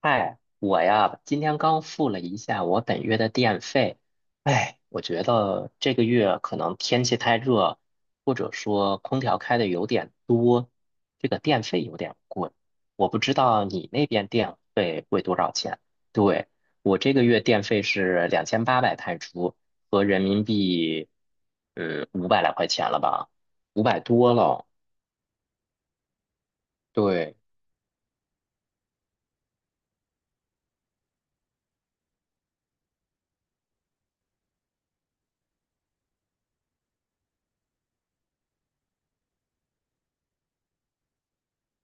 嗨，我呀，今天刚付了一下我本月的电费。哎，我觉得这个月可能天气太热，或者说空调开的有点多，这个电费有点贵。我不知道你那边电费贵多少钱？对，我这个月电费是两千八百泰铢，合人民币，五百来块钱了吧？五百多了。对，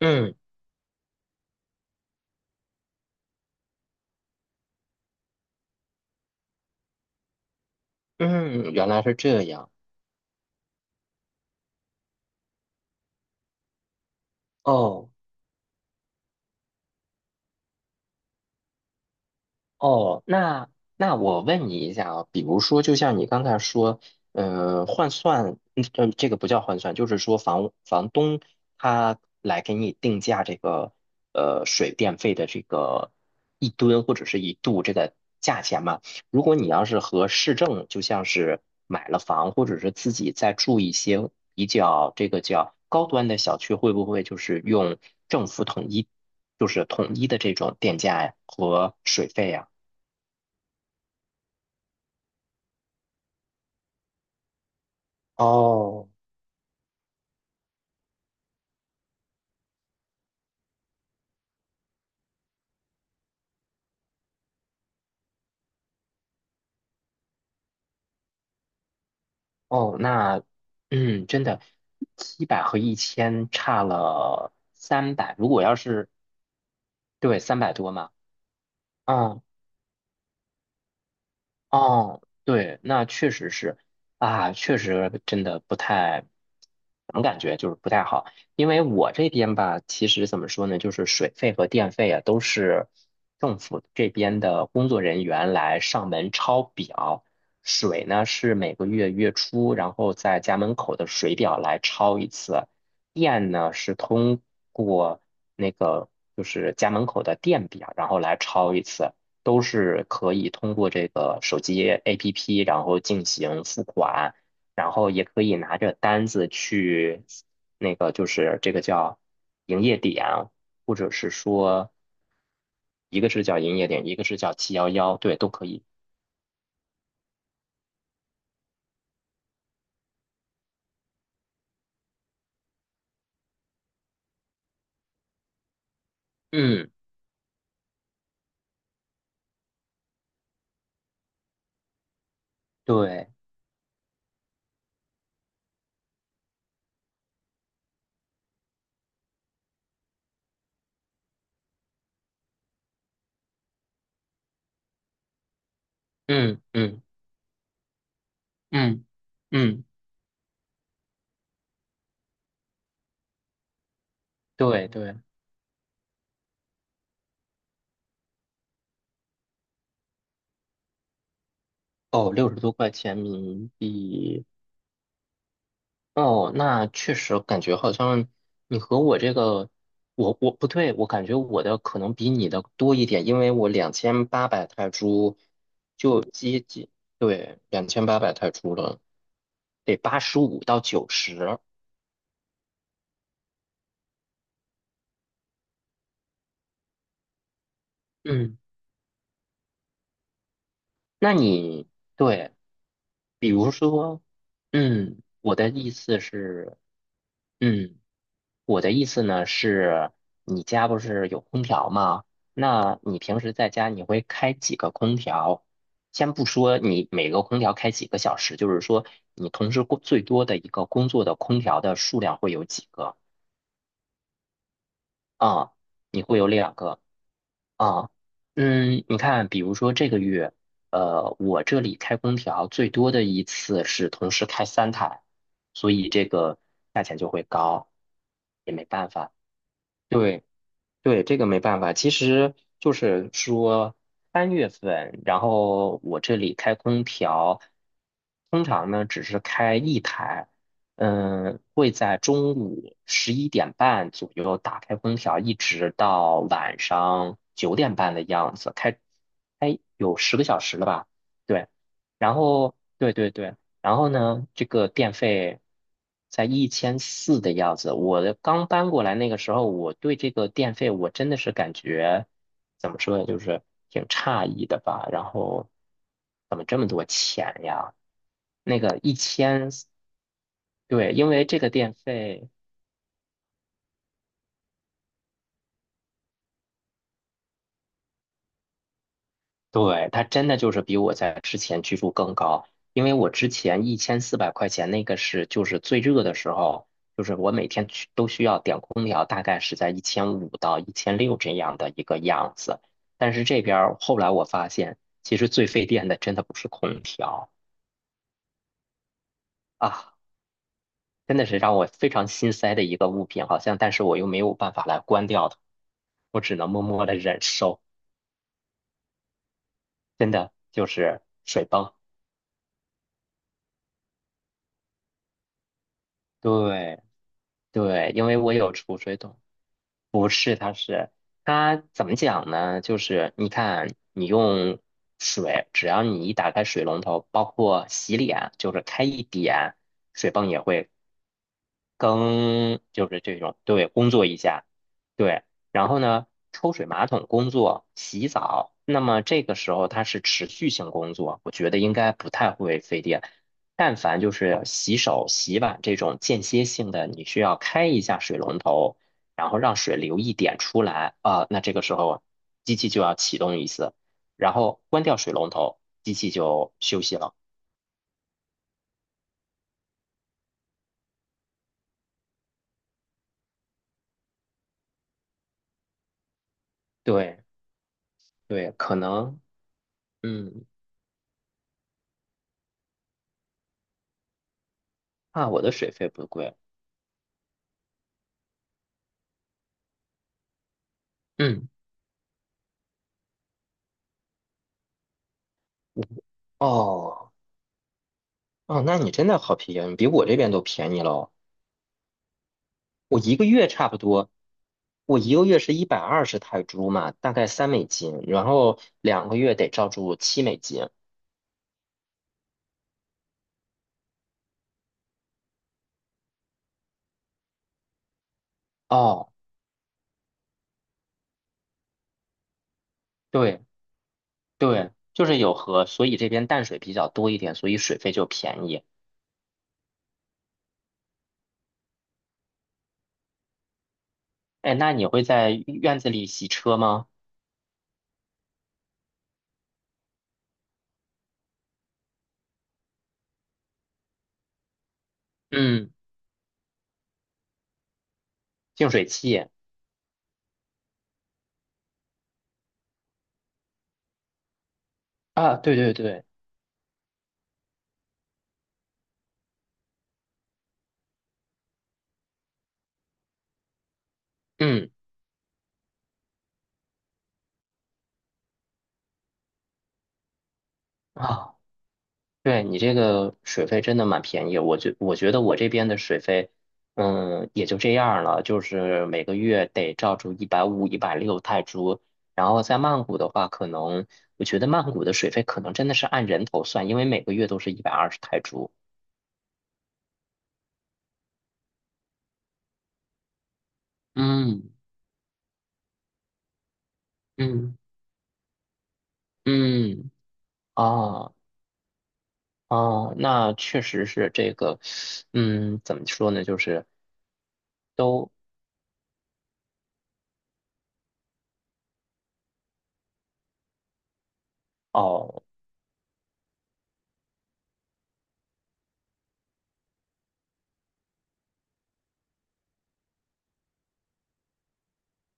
嗯嗯，原来是这样。哦，哦，那我问你一下啊，比如说，就像你刚才说，嗯，换算，嗯，呃这个不叫换算，就是说房东他来给你定价这个水电费的这个一吨或者是一度这个价钱嘛。如果你要是和市政，就像是买了房或者是自己在住一些比较这个叫高端的小区，会不会就是用政府统一，就是统一的这种电价呀和水费呀？哦哦，那真的，700和一千差了三百。如果要是对三百多嘛，啊、哦，对，那确实是啊，确实真的不太，怎么感觉就是不太好，因为我这边吧，其实怎么说呢，就是水费和电费啊，都是政府这边的工作人员来上门抄表，水呢是每个月月初，然后在家门口的水表来抄一次，电呢是通过那个就是家门口的电表，然后来抄一次。都是可以通过这个手机 APP，然后进行付款，然后也可以拿着单子去那个就是这个叫营业点，或者是说一个是叫营业点，一个是叫711，对，都可以。嗯，对，嗯嗯嗯嗯，对对。哦，六十多块钱人民币。哦，那确实感觉好像你和我这个，我不对，我感觉我的可能比你的多一点，因为我两千八百泰铢就接近，对，两千八百泰铢了，得85到90。嗯，那你对，比如说，我的意思是，嗯。我的意思呢是，你家不是有空调吗？那你平时在家你会开几个空调？先不说你每个空调开几个小时，就是说你同时工最多的一个工作的空调的数量会有几个啊？你会有两个啊？嗯，你看，比如说这个月，我这里开空调最多的一次是同时开3台，所以这个价钱就会高，也没办法。对。对，这个没办法，其实就是说3月份，然后我这里开空调，通常呢只是开一台，嗯，会在中午11点半左右打开空调，一直到晚上9点半的样子，开有10个小时了吧？对，然后对对对。然后呢，这个电费在一千四的样子。我的刚搬过来那个时候，我对这个电费我真的是感觉怎么说呢，就是挺诧异的吧。然后怎么这么多钱呀？那个一千，对，因为这个电费。对，它真的就是比我在之前居住更高，因为我之前1400块钱那个是就是最热的时候，就是我每天去都需要点空调，大概是在1500到1600这样的一个样子。但是这边儿后来我发现，其实最费电的真的不是空调啊，真的是让我非常心塞的一个物品，好像但是我又没有办法来关掉它，我只能默默的忍受，真的就是水泵。对对，因为我有储水桶。不是，它是它怎么讲呢？就是你看，你用水，只要你一打开水龙头，包括洗脸，就是开一点，水泵也会更就是这种，对，工作一下，对，然后呢，抽水马桶工作、洗澡，那么这个时候它是持续性工作，我觉得应该不太会费电。但凡就是洗手、洗碗这种间歇性的，你需要开一下水龙头，然后让水流一点出来啊，那这个时候机器就要启动一次，然后关掉水龙头，机器就休息了。对对，可能嗯，啊，我的水费不贵。嗯。哦，哦，那你真的好便宜，比我这边都便宜喽。我一个月差不多，我一个月是一百二十泰铢嘛，大概3美金，然后2个月得照住7美金。哦，对对，就是有河，所以这边淡水比较多一点，所以水费就便宜。哎，那你会在院子里洗车吗？嗯，净水器。啊，对对对，嗯。啊。对你这个水费真的蛮便宜，我觉得我这边的水费，嗯，也就这样了，就是每个月得照住150、160泰铢。然后在曼谷的话，可能我觉得曼谷的水费可能真的是按人头算，因为每个月都是一百二十泰铢。嗯嗯嗯，哦哦，那确实是这个，嗯，怎么说呢，就是都哦，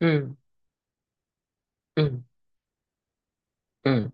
嗯嗯嗯。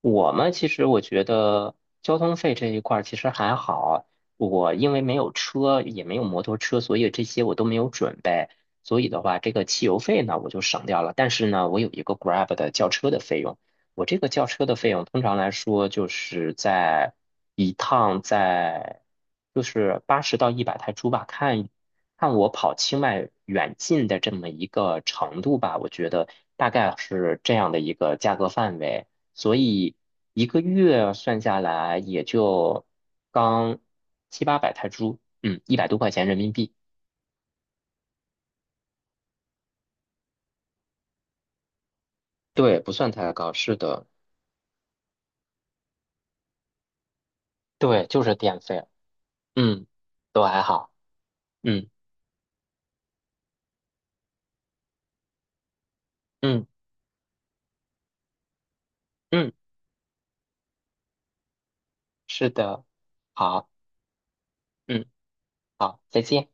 我们其实我觉得交通费这一块儿其实还好，我因为没有车，也没有摩托车，所以这些我都没有准备。所以的话，这个汽油费呢我就省掉了。但是呢，我有一个 Grab 的叫车的费用，我这个叫车的费用通常来说就是在一趟在就是80到100泰铢吧，看看我跑清迈远近的这么一个程度吧，我觉得大概是这样的一个价格范围。所以一个月算下来也就刚七八百泰铢，嗯，一百多块钱人民币。对，不算太高，是的。对，就是电费，嗯，都还好，嗯嗯嗯，是的，好，嗯，好，再见。